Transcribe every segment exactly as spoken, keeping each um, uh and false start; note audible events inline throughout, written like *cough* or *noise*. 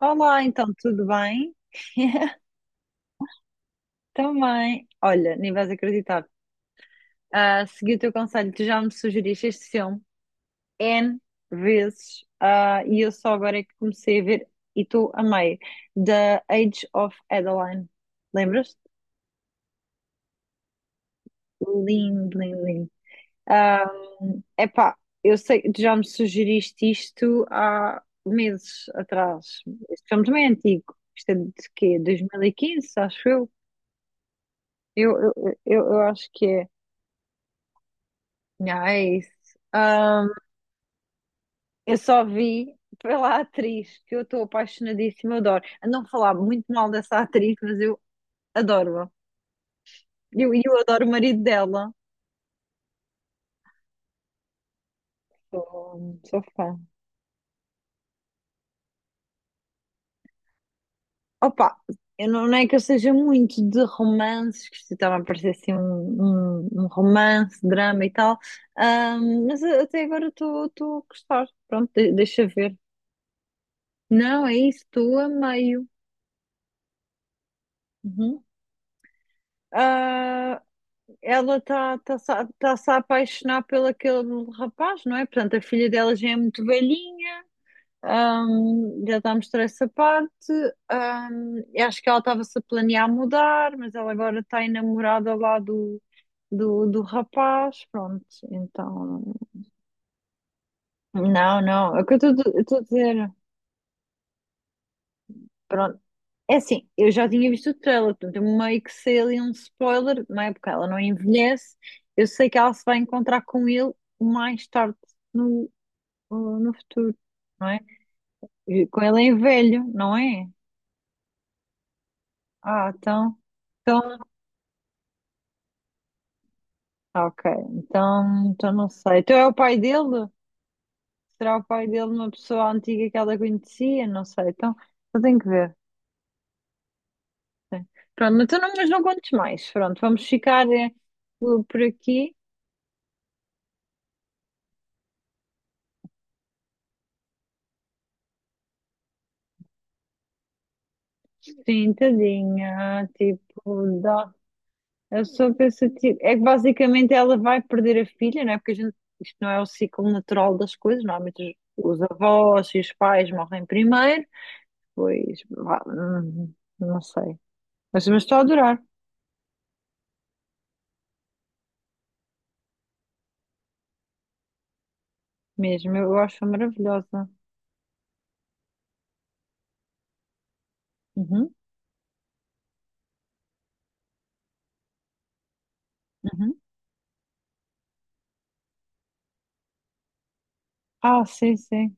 Olá, então, tudo bem? *laughs* Também. Olha, nem vais acreditar. Ah, segui o teu conselho, tu já me sugeriste este filme N vezes ah, e eu só agora é que comecei a ver e tu amei. The Age of Adeline. Lembras-te? Lindo, lindo, lindo. Ah, epá, eu sei que tu já me sugeriste isto há meses atrás. Este filme também é antigo. Isto é de quê? dois mil e quinze, acho eu. Eu, eu, eu, eu acho que é. Ah, é isso. Ahm, eu só vi pela atriz, que eu estou apaixonadíssima, eu adoro. A não falar muito mal dessa atriz, mas eu adoro-a. E eu, eu adoro o marido dela. Sou, sou fã. Opa, eu não, não é que eu seja muito de romances, que isto estava a parecer assim um, um, um romance, drama e tal. Ahm, mas a- até agora estou estou a gostar. Pronto, de- deixa ver. Não, é isso, estou a meio. Uhum. Ah, ela está tá, tá, tá-se a apaixonar pelo aquele rapaz, não é? Portanto, a filha dela já é muito velhinha, hum, já está a mostrar essa parte. Hum, eu acho que ela estava-se a planear mudar, mas ela agora está enamorada lá do, do, do rapaz. Pronto, então. Não, não, é o que eu estou a dizer. Pronto. É assim, eu já tinha visto o trailer, portanto, eu meio que sei ali um spoiler, não é? Porque ela não envelhece. Eu sei que ela se vai encontrar com ele mais tarde ou no futuro, não é? E com ele em velho, não é? Ah, então, então, ok, então, então não sei. Então é o pai dele? Será o pai dele uma pessoa antiga que ela conhecia? Não sei, então eu tenho que ver. Pronto, então não, mas não contes mais. Pronto, vamos ficar eh, por por aqui. Sim, tadinha, tipo, dá. Eu sou pensativa. É que basicamente ela vai perder a filha, não é? Porque a gente, isto não é o ciclo natural das coisas, normalmente os os avós e os pais morrem primeiro. Pois, vá, hum, não sei. Mas, mas estou a adorar mesmo, eu acho maravilhosa. Uhum, uhum. Ah, sim, sim,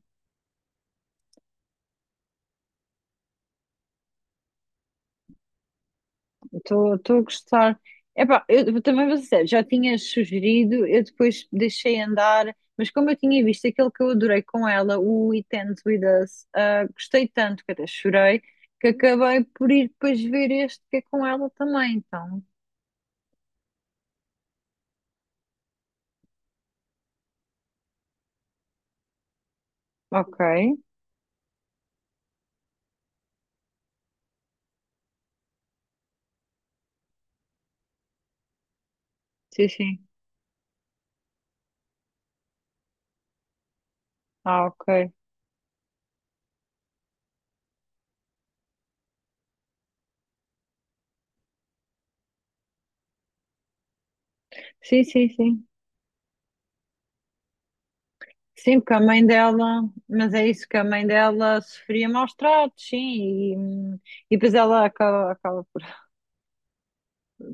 estou estou a gostar. Epá, eu também vou ser sério, já tinha sugerido, eu depois deixei andar, mas como eu tinha visto aquele que eu adorei com ela, o It Ends With Us, ah, gostei tanto que até chorei, que acabei por ir depois ver este que é com ela também, então. Ok, sim, sim. Ah, ok. Sim, sim, sim. Sim, porque a mãe dela, mas é isso que a mãe dela sofria maus tratos, sim, e, hum, e depois ela acaba, acaba por.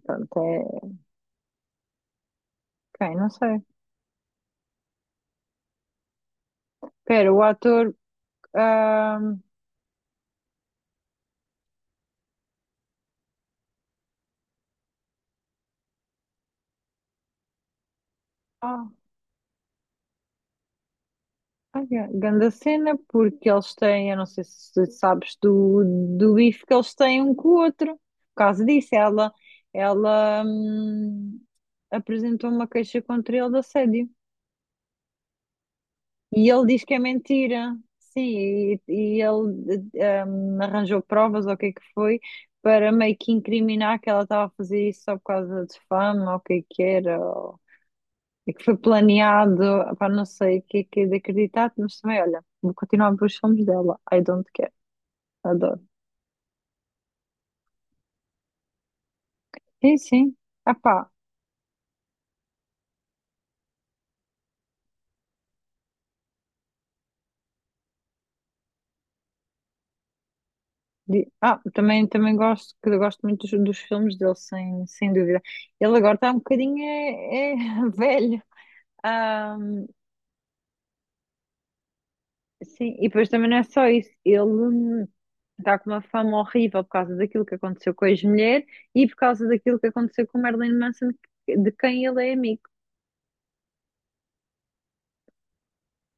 Pronto, é. Quem? Não sei. Espera, o ator. ah ah, Ai, ganda cena, porque eles têm, eu não sei se sabes do, do bife que eles têm um com o outro. Por causa disso, ela, ela hum, apresentou uma queixa contra ele de assédio. E ele diz que é mentira. Sim, e, e ele eh, hum, arranjou provas, ou o que é que foi, para meio que incriminar que ela estava a fazer isso só por causa de fama, ou o que é que era, ou... e que foi planeado, para não sei o que é que é de acreditar, mas também, olha, vou continuar a ver os filmes dela. I don't care, adoro. Sim, sim. Ah pá, di- ah, Também, também gosto, que eu gosto muito dos, dos filmes dele, sem, sem dúvida. Ele agora está um bocadinho é, é *laughs* velho. Sim, e depois também não é só isso. Ele hum, está com uma fama horrível por causa daquilo que aconteceu com a ex-mulher e por causa daquilo que aconteceu com o Marilyn Manson, de quem ele é amigo.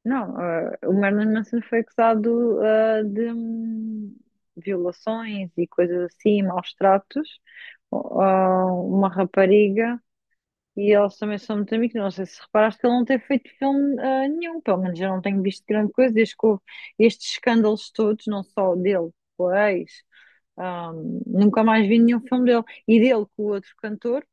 Não, ah, O Marilyn Manson foi acusado, ah, de hum, violações e coisas assim, maus tratos, a uma rapariga. E eles também são muito amigos. Não sei se reparaste que ele não tem feito filme ah, nenhum, pelo menos eu não tenho visto grande coisa desde que houve estes escândalos todos, não só dele, com a ex. Ahm, nunca mais vi nenhum filme dele. E dele com o outro cantor,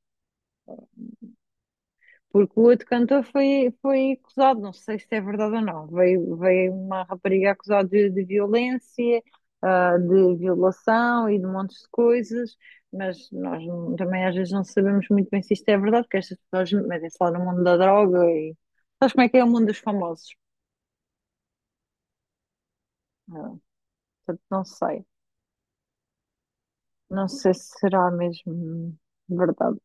porque o outro cantor foi, foi acusado, não sei se é verdade ou não. Veio, veio uma rapariga acusada de, de violência, ah, de violação e de montes de coisas, mas nós não- também às vezes não sabemos muito bem se isto é verdade, porque estas pessoas metem-se lá no mundo da droga e. Sabes como é que é o mundo dos famosos? Ah, portanto, não sei. Não sei se será mesmo verdade.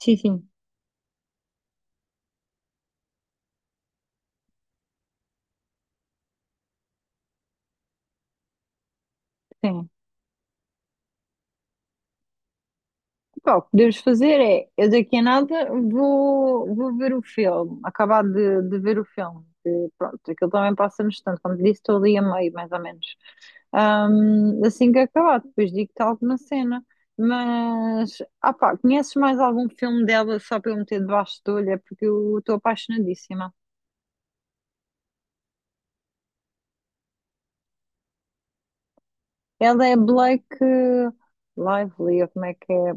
Sim, sim, sim. Pá, o que podemos fazer é, eu daqui a nada vou, vou ver o filme, acabar de, de ver o filme. Que, pronto, aquilo também passa no instante, como te disse, estou ali a meio, mais ou menos. Ahm, assim que acabar, depois digo-te alguma cena. Mas, ah pá, conheces mais algum filme dela só para eu meter debaixo da olho? É porque eu estou apaixonadíssima. Ela é Blake Lively, ou como é que é?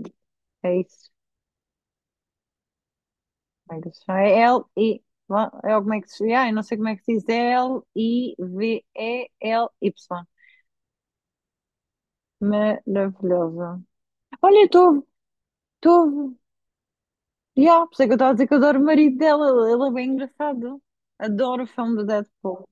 É isso. Deixa L-I. Lá, é como é que se. Ah, eu não sei como é que se diz. É L-I-V-E-L-Y. Maravilhosa. Olha, estou. Estou. Já, por isso é que eu estava a dizer que eu adoro o marido dela. Ele é bem engraçado. Adoro o filme do Deadpool.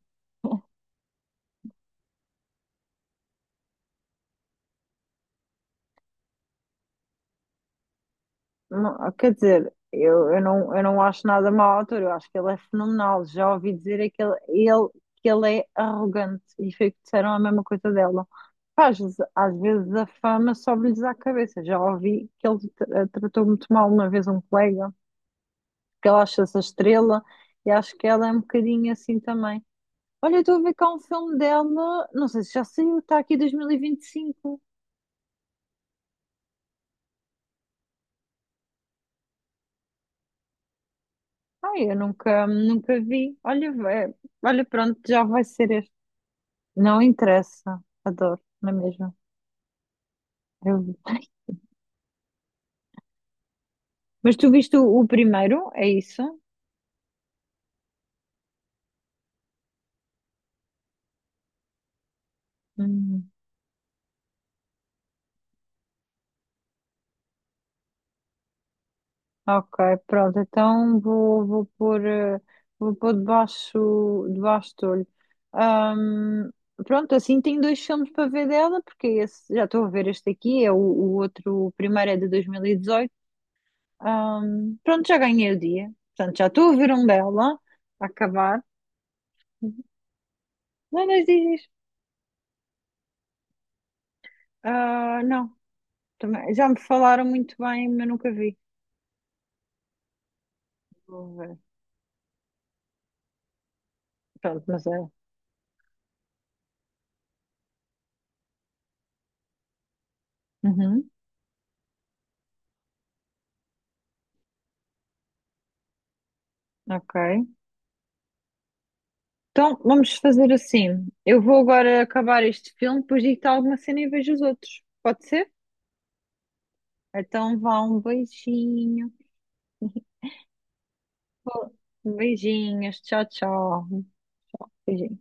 Não, quer dizer, eu, eu, não, eu não acho nada mau ao ator, eu acho que ele é fenomenal. Já ouvi dizer é que ele, ele- que ele é arrogante e foi o que disseram a mesma coisa dela. Pá, Às vezes, às vezes a fama sobe-lhes à cabeça. Já ouvi que ele tra- eh, tratou muito mal uma vez um colega, que ela acha-se a estrela e acho que ela é um bocadinho assim também. Olha, eu estou a ver cá um filme dela, não sei se já saiu, está aqui dois mil e vinte e cinco. Ai, eu nunca, nunca vi. Olha, é, olha, pronto, já vai ser este. Não interessa. Adoro, não é mesmo? Eu vi. Mas tu viste o, o primeiro? É isso? Hum, ok, pronto. Então vou, vou pôr, eh, vou pôr debaixo, debaixo do olho. Ahm, pronto, assim tenho dois filmes para ver dela, porque esse, já estou a ver este aqui, é o, o outro, o primeiro é de dois mil e dezoito. Ahm, pronto, já ganhei o dia. Portanto, já estou a ver um dela, a acabar. Não, não diz. Ah, não. Também- já me falaram muito bem, mas nunca vi. Vou ver. Pronto, mas é. Uhum, ok. Então vamos fazer assim. Eu vou agora acabar este filme, depois digo-te alguma cena e vejo os outros. Pode ser? Então vá, um beijinho. Beijinhos, tchau, tchau. Beijinho.